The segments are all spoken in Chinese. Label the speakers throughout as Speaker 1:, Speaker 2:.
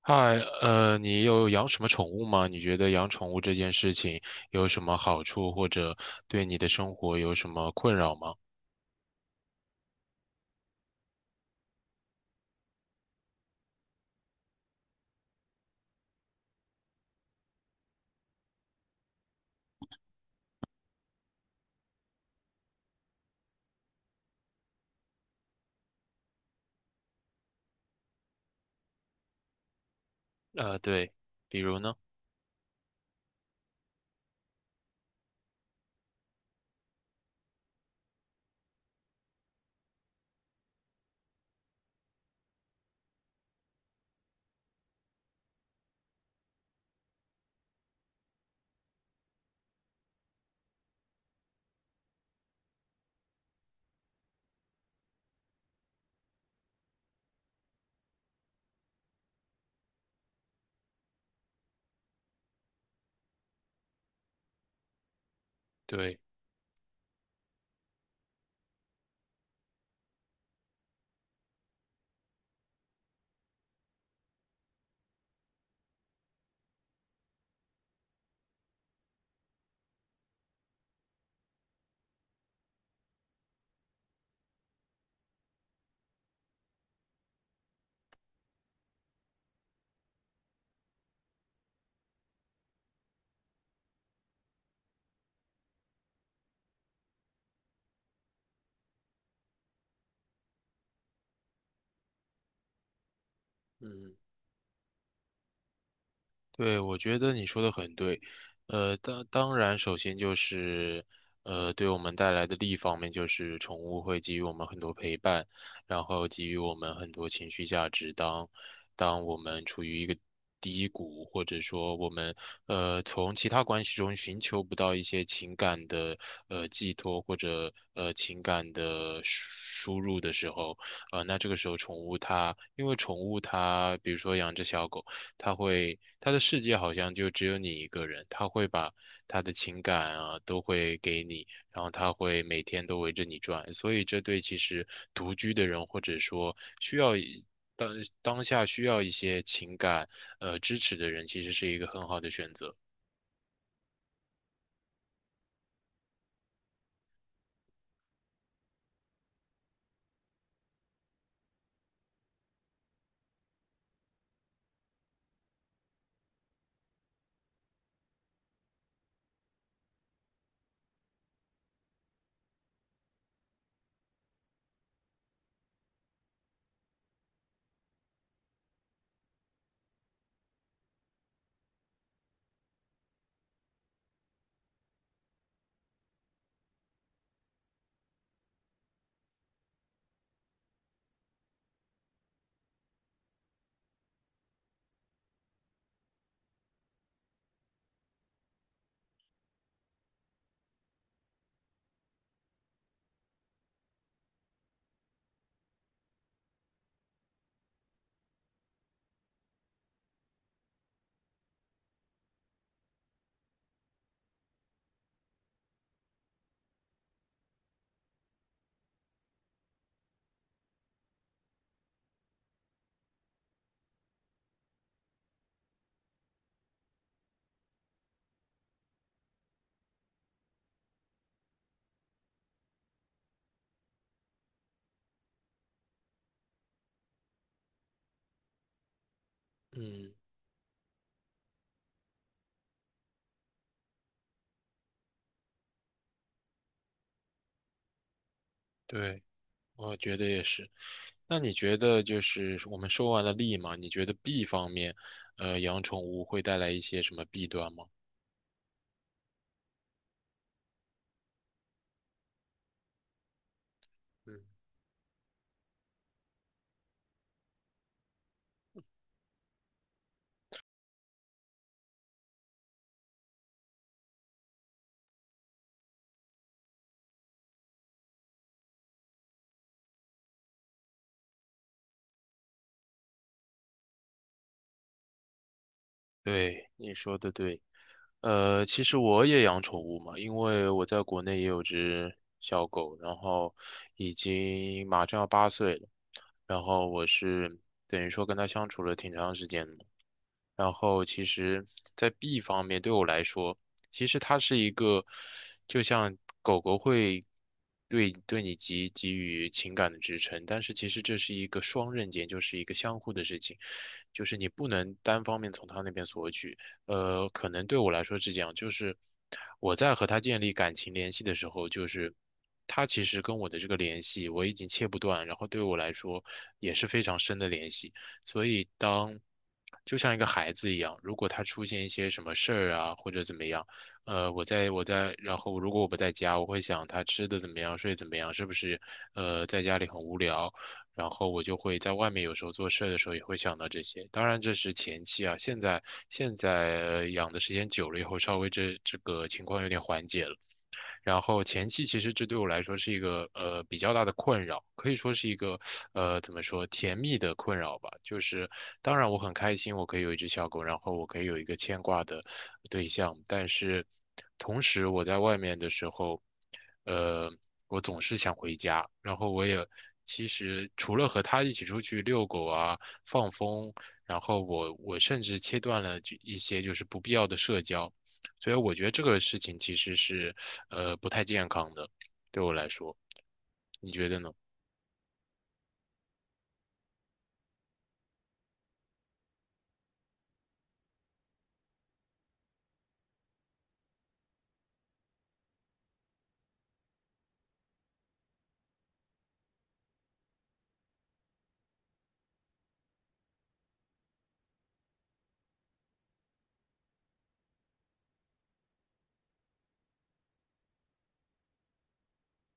Speaker 1: 嗨，你有养什么宠物吗？你觉得养宠物这件事情有什么好处，或者对你的生活有什么困扰吗？对，比如呢？对，嗯。对，我觉得你说的很对，当然，首先就是，对我们带来的利益方面，就是宠物会给予我们很多陪伴，然后给予我们很多情绪价值。当我们处于一个低谷，或者说我们从其他关系中寻求不到一些情感的寄托或者情感的输入的时候，那这个时候宠物它，因为宠物它，比如说养只小狗。他的世界好像就只有你一个人，他会把他的情感啊都会给你，然后他会每天都围着你转，所以这对其实独居的人或者说需要一当当下需要一些情感支持的人，其实是一个很好的选择。嗯，对，我觉得也是。那你觉得就是我们说完了利嘛，你觉得弊方面，养宠物会带来一些什么弊端吗？嗯。对，你说的对。其实我也养宠物嘛，因为我在国内也有只小狗，然后已经马上要八岁了，然后我是等于说跟它相处了挺长时间的。然后其实，在 B 方面对我来说，其实它是一个，就像狗狗会对你给予情感的支撑，但是其实这是一个双刃剑，就是一个相互的事情，就是你不能单方面从他那边索取。可能对我来说是这样，就是我在和他建立感情联系的时候，就是他其实跟我的这个联系我已经切不断，然后对我来说也是非常深的联系。所以当就像一个孩子一样，如果他出现一些什么事儿啊，或者怎么样，我在，然后如果我不在家，我会想他吃的怎么样，睡得怎么样，是不是在家里很无聊，然后我就会在外面有时候做事儿的时候也会想到这些。当然这是前期啊，现在养的时间久了以后，稍微这个情况有点缓解了。然后前期其实这对我来说是一个比较大的困扰，可以说是一个怎么说甜蜜的困扰吧。就是当然我很开心，我可以有一只小狗，然后我可以有一个牵挂的对象，但是同时我在外面的时候，呃，我总是想回家，然后我也。其实除了和它一起出去遛狗啊、放风，然后我甚至切断了就一些就是不必要的社交，所以我觉得这个事情其实是不太健康的，对我来说，你觉得呢？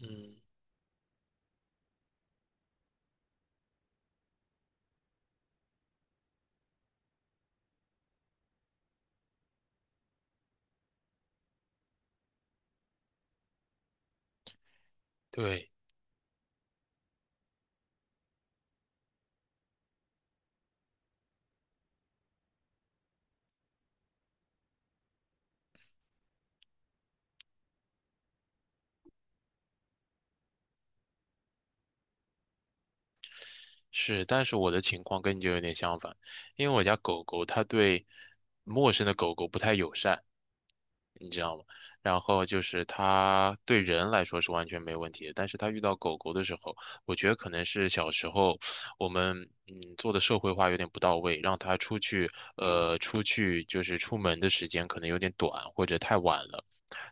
Speaker 1: 嗯，对，是，但是我的情况跟你就有点相反，因为我家狗狗它对陌生的狗狗不太友善，然后就是它对人来说是完全没问题的，但是它遇到狗狗的时候，我觉得可能是小时候我们做的社会化有点不到位，让它出去就是出门的时间可能有点短或者太晚了，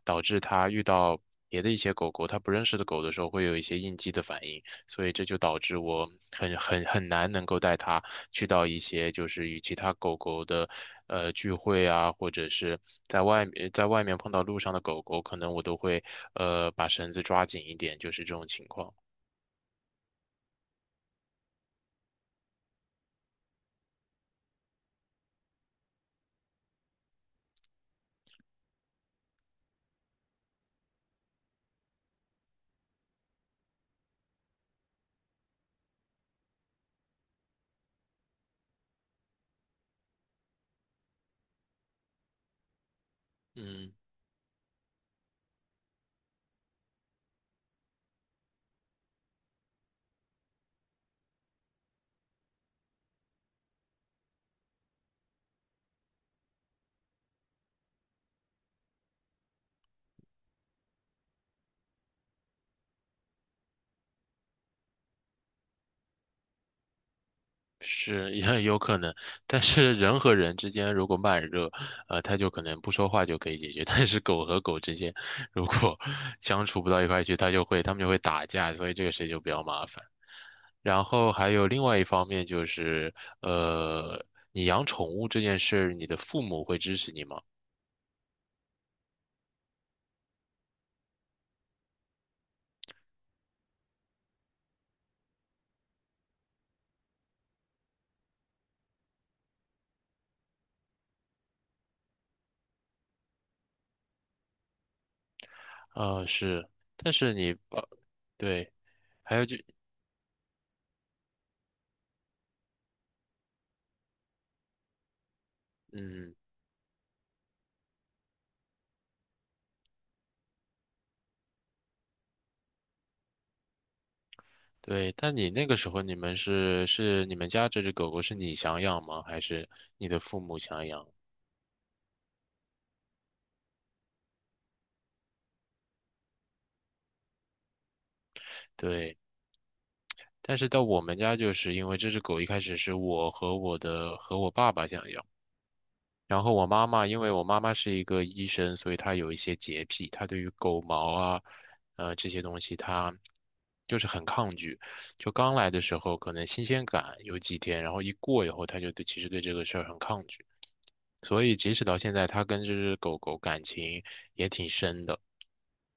Speaker 1: 导致它遇到别的一些狗狗，它不认识的狗的时候会有一些应激的反应，所以这就导致我很难能够带它去到一些就是与其他狗狗的聚会啊，或者是在外面碰到路上的狗狗，可能我都会把绳子抓紧一点，就是这种情况。嗯。是也有可能，但是人和人之间如果慢热，他就可能不说话就可以解决。但是狗和狗之间，如果 相处不到一块去，它们就会打架，所以这个事情就比较麻烦。然后还有另外一方面就是，呃，你养宠物这件事儿你的父母会支持你吗？啊、是，但是你，呃，对，还有就，嗯。对，但你那个时候你们是你们家这只狗狗是你想养吗？还是你的父母想养？对，但是到我们家就是因为这只狗一开始是我和我爸爸想养，然后我妈妈因为我妈妈是一个医生，所以她有一些洁癖，她对于狗毛啊，这些东西她就是很抗拒。就刚来的时候可能新鲜感有几天，然后一过以后，她就对其实对这个事儿很抗拒。所以即使到现在，他跟这只狗狗感情也挺深的，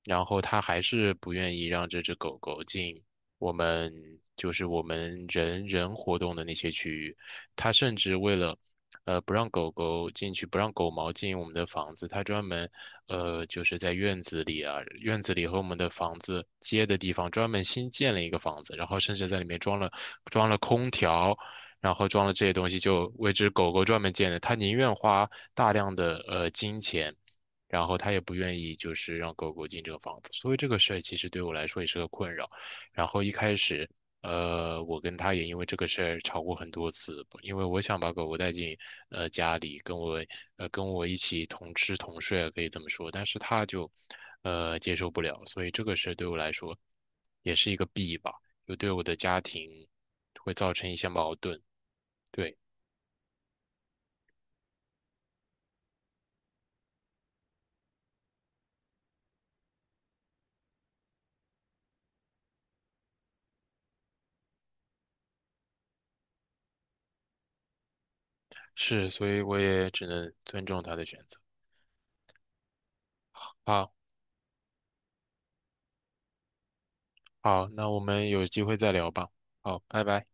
Speaker 1: 然后他还是不愿意让这只狗狗进我们就是我们人人活动的那些区域，他甚至为了。不让狗狗进去，不让狗毛进我们的房子。他专门，就是在院子里啊，院子里和我们的房子接的地方，专门新建了一个房子，然后甚至在里面装了空调，然后装了这些东西就为只狗狗专门建的，他宁愿花大量的金钱，然后他也不愿意就是让狗狗进这个房子，所以这个事儿其实对我来说也是个困扰。然后一开始，我跟他也因为这个事儿吵过很多次，因为我想把狗狗带进家里，跟我一起同吃同睡啊，可以这么说，但是他就接受不了，所以这个事儿对我来说也是一个弊吧，就对我的家庭会造成一些矛盾。对，是，所以我也只能尊重他的选择。好，好，那我们有机会再聊吧。好，拜拜。